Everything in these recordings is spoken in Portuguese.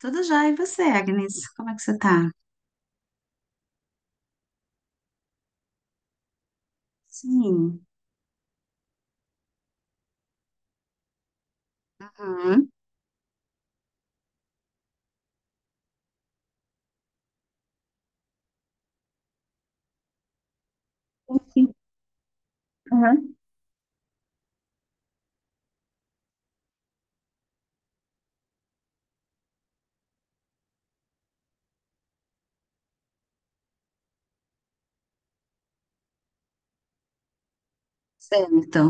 Tudo já, e você, Agnes? Como é que você tá? Sim. Uhum. Enfim, aham. Certo.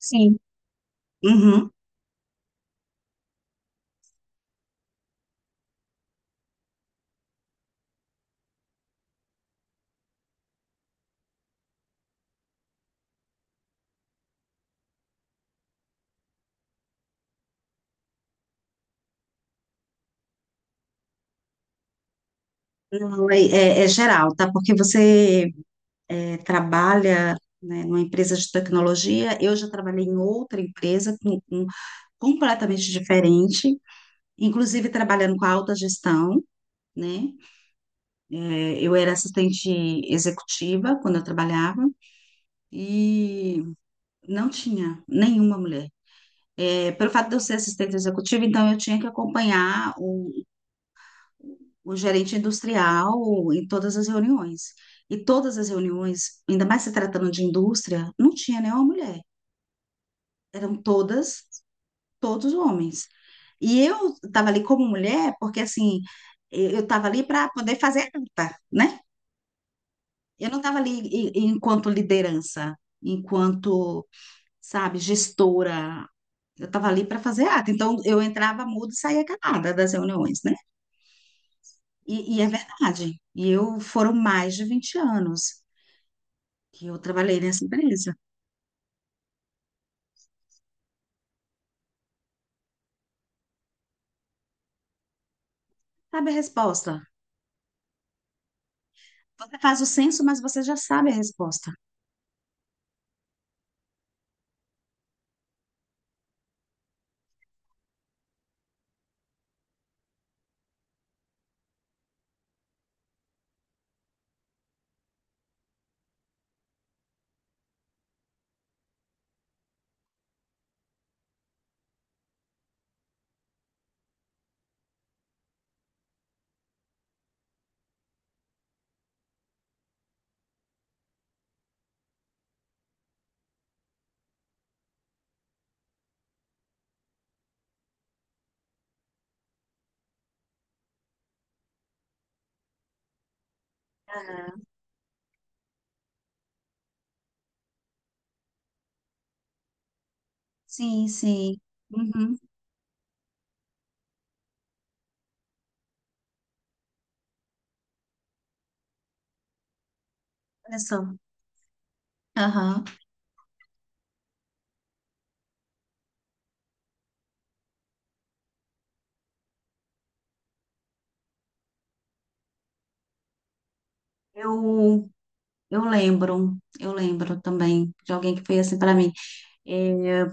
Sim. Uhum. Não, é geral, tá? Porque você trabalha, né, numa empresa de tecnologia. Eu já trabalhei em outra empresa completamente diferente, inclusive trabalhando com a alta gestão, né? Eu era assistente executiva quando eu trabalhava e não tinha nenhuma mulher. Pelo fato de eu ser assistente executiva, então eu tinha que acompanhar o gerente industrial em todas as reuniões. E todas as reuniões, ainda mais se tratando de indústria, não tinha nenhuma mulher. Eram todos homens. E eu estava ali como mulher, porque assim, eu estava ali para poder fazer a ata, né? Eu não estava ali e enquanto liderança, enquanto, sabe, gestora. Eu estava ali para fazer ata. Então, eu entrava muda e saía calada das reuniões, né? E é verdade. E eu foram mais de 20 anos que eu trabalhei nessa empresa. Sabe a resposta? Você faz o censo, mas você já sabe a resposta. Sim, sim. Uhum. Olha só. Aham. Eu, eu lembro também de alguém que foi assim para mim. É,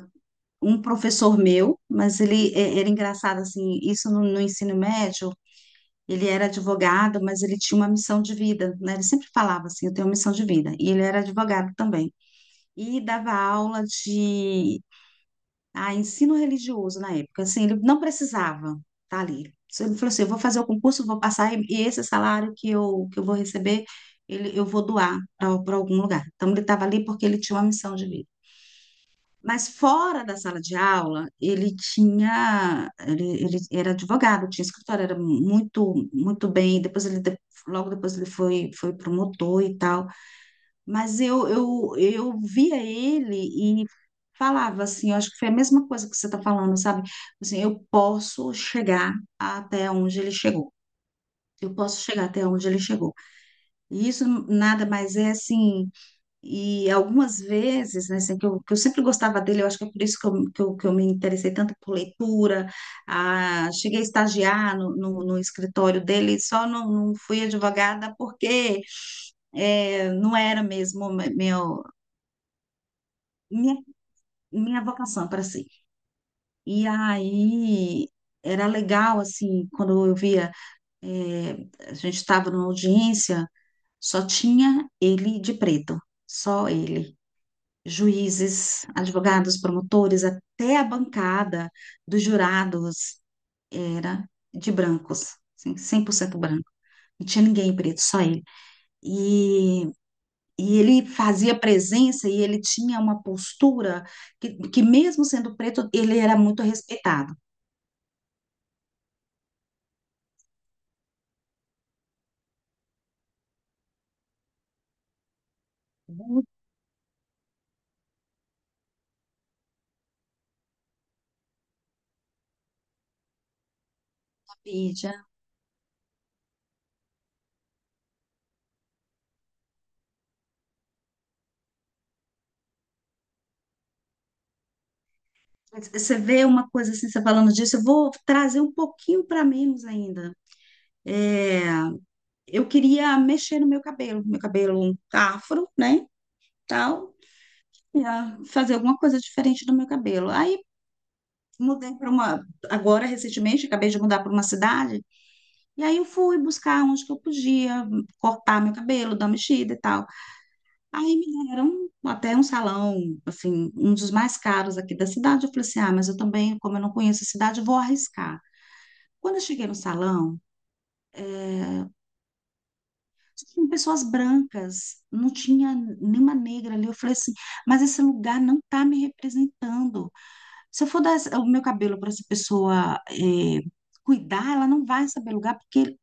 Um professor meu, mas ele era engraçado assim, isso no ensino médio. Ele era advogado, mas ele tinha uma missão de vida, né? Ele sempre falava assim: eu tenho uma missão de vida. E ele era advogado também, e dava aula de ensino religioso na época. Assim, ele não precisava estar ali. Se Ele falou assim: eu vou fazer o concurso, vou passar, e esse salário que eu vou receber, ele, eu vou doar para algum lugar. Então, ele estava ali porque ele tinha uma missão de vida. Mas fora da sala de aula, ele era advogado, tinha escritório, era muito, muito bem. Depois ele, logo depois ele foi, foi promotor e tal. Mas eu via ele e falava assim: eu acho que foi a mesma coisa que você está falando, sabe? Assim, eu posso chegar até onde ele chegou. Eu posso chegar até onde ele chegou. E isso nada mais é assim. E algumas vezes, né, assim, que eu sempre gostava dele, eu acho que é por isso que eu me interessei tanto por leitura. Cheguei a estagiar no escritório dele, só não fui advogada porque não era mesmo meu, minha, minha vocação para si. E aí era legal, assim, quando eu via, eh, a gente estava numa audiência, só tinha ele de preto, só ele. Juízes, advogados, promotores, até a bancada dos jurados era de brancos, assim, 100% branco. Não tinha ninguém preto, só ele. E E ele fazia presença e ele tinha uma postura que mesmo sendo preto, ele era muito respeitado. Muito. Bíblia. Você vê uma coisa assim, você falando disso, eu vou trazer um pouquinho para menos ainda. É, eu queria mexer no meu cabelo afro, né, tal, e, ah, fazer alguma coisa diferente do meu cabelo. Aí agora recentemente, acabei de mudar para uma cidade, e aí eu fui buscar onde que eu podia cortar meu cabelo, dar uma mexida e tal. Aí me deram até um salão, assim, um dos mais caros aqui da cidade. Eu falei assim: ah, mas eu também, como eu não conheço a cidade, vou arriscar. Quando eu cheguei no salão, só tinham pessoas brancas, não tinha nenhuma negra ali. Eu falei assim: mas esse lugar não está me representando. Se eu for dar o meu cabelo para essa pessoa cuidar, ela não vai saber lugar, porque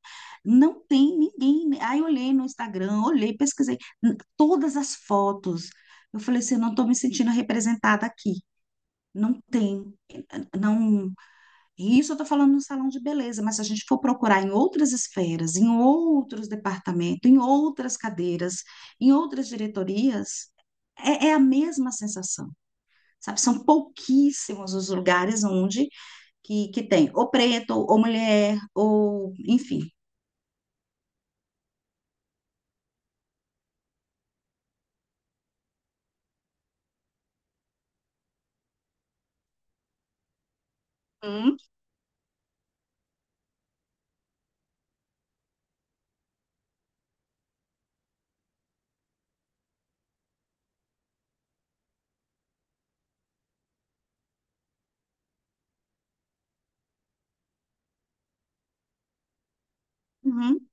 não tem ninguém. Aí eu olhei no Instagram, olhei, pesquisei todas as fotos. Eu falei assim: eu não estou me sentindo representada aqui. Não tem, não. E isso eu estou falando no salão de beleza, mas se a gente for procurar em outras esferas, em outros departamentos, em outras cadeiras, em outras diretorias, é a mesma sensação, sabe? São pouquíssimos os lugares onde que tem ou preto, ou mulher, ou enfim. Uhum, uhum,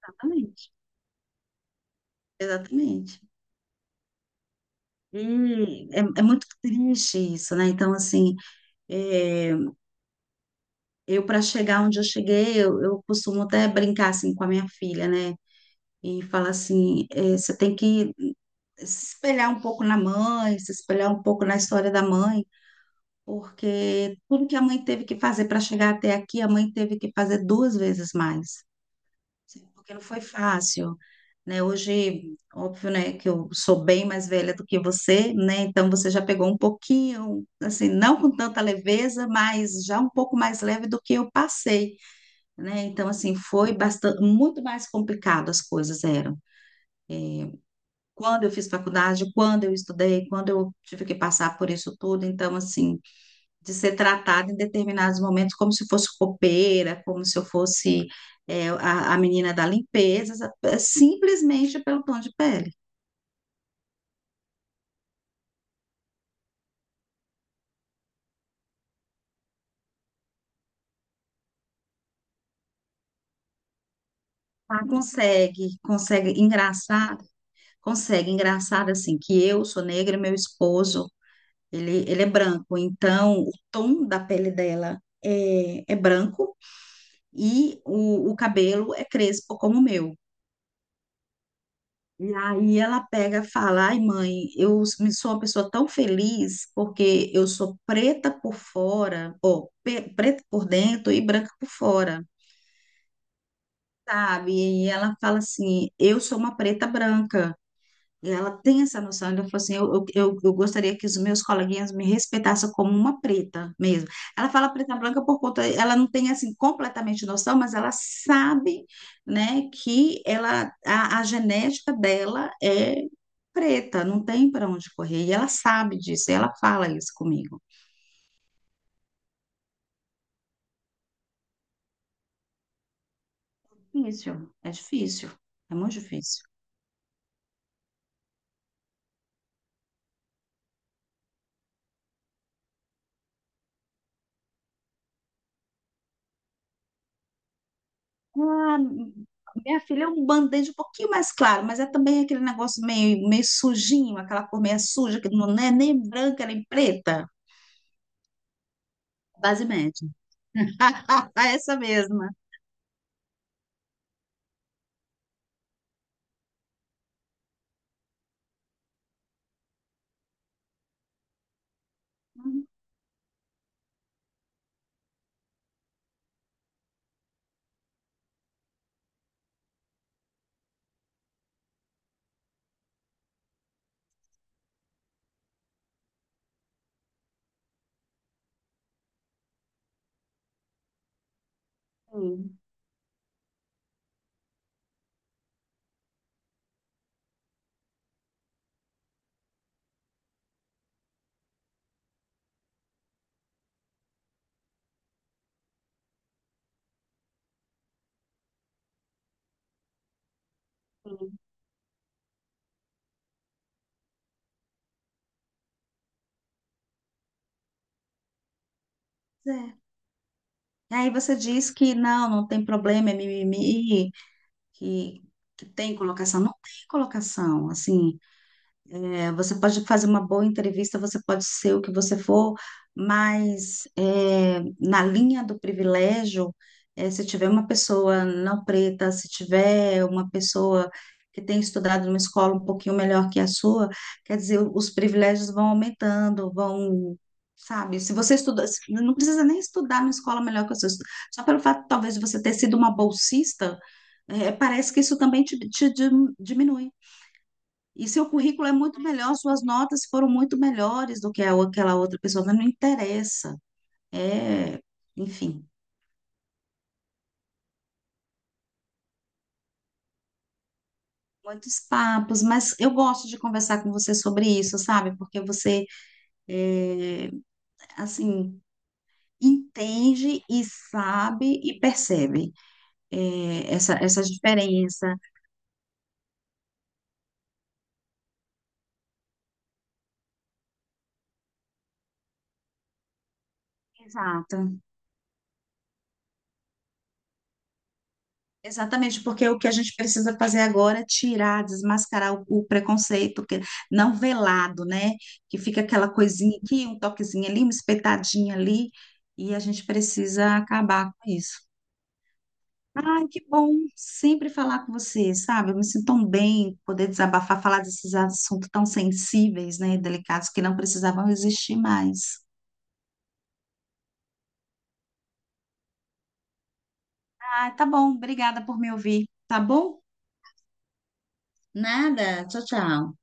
exatamente, exatamente. E é, é muito triste isso, né? Então, assim, é, eu, para chegar onde eu cheguei, eu costumo até brincar assim com a minha filha, né? E falar assim: eh, você tem que se espelhar um pouco na mãe, se espelhar um pouco na história da mãe, porque tudo que a mãe teve que fazer para chegar até aqui, a mãe teve que fazer duas vezes mais, assim, porque não foi fácil, né? Hoje, óbvio, né, que eu sou bem mais velha do que você, né? Então você já pegou um pouquinho, assim, não com tanta leveza, mas já um pouco mais leve do que eu passei, né? Então, assim, foi bastante, muito mais complicado as coisas eram. Quando eu fiz faculdade, quando eu estudei, quando eu tive que passar por isso tudo, então, assim, de ser tratada em determinados momentos como se fosse copeira, como se eu fosse a menina da limpeza, simplesmente pelo tom de pele. Ela consegue engraçar, assim, que eu sou negra e meu esposo, ele é branco, então o tom da pele dela é branco, e o cabelo é crespo como o meu. E aí ela pega e fala: ai mãe, eu sou uma pessoa tão feliz porque eu sou preta por fora, ou preta por dentro e branca por fora, sabe? E ela fala assim: eu sou uma preta branca. E ela tem essa noção, ela falou assim: eu, eu gostaria que os meus coleguinhas me respeitassem como uma preta mesmo. Ela fala preta branca por conta, ela não tem assim completamente noção, mas ela sabe, né, que ela, a genética dela é preta, não tem para onde correr, e ela sabe disso, e ela fala isso comigo. Difícil, é muito difícil. Ah, minha filha é um band-aid um pouquinho mais claro, mas é também aquele negócio meio, meio sujinho, aquela cor meio suja, que não é nem branca nem preta. Base média. Ah, essa mesma. Hum, hum. É. E aí você diz que não, não tem problema, é mimimi, que, que tem colocação. Não tem colocação, assim. É, você pode fazer uma boa entrevista, você pode ser o que você for, mas na linha do privilégio, se tiver uma pessoa não preta, se tiver uma pessoa que tem estudado numa escola um pouquinho melhor que a sua, quer dizer, os privilégios vão aumentando, vão, sabe? Se você estuda, se- não precisa nem estudar numa escola melhor que a sua, só pelo fato, talvez, de você ter sido uma bolsista, eh, parece que isso também te diminui. E seu currículo é muito melhor, suas notas foram muito melhores do que aquela outra pessoa, mas não interessa. É, Enfim, muitos papos, mas eu gosto de conversar com você sobre isso, sabe? Porque você, é, assim, entende e sabe e percebe, essa diferença. Exato. Exatamente, porque o que a gente precisa fazer agora é tirar, desmascarar o preconceito, que não velado, né? Que fica aquela coisinha aqui, um toquezinho ali, uma espetadinha ali, e a gente precisa acabar com isso. Ai, que bom sempre falar com você, sabe? Eu me sinto tão bem poder desabafar, falar desses assuntos tão sensíveis, né? Delicados que não precisavam existir mais. Ah, tá bom, obrigada por me ouvir, tá bom? Nada, tchau, tchau.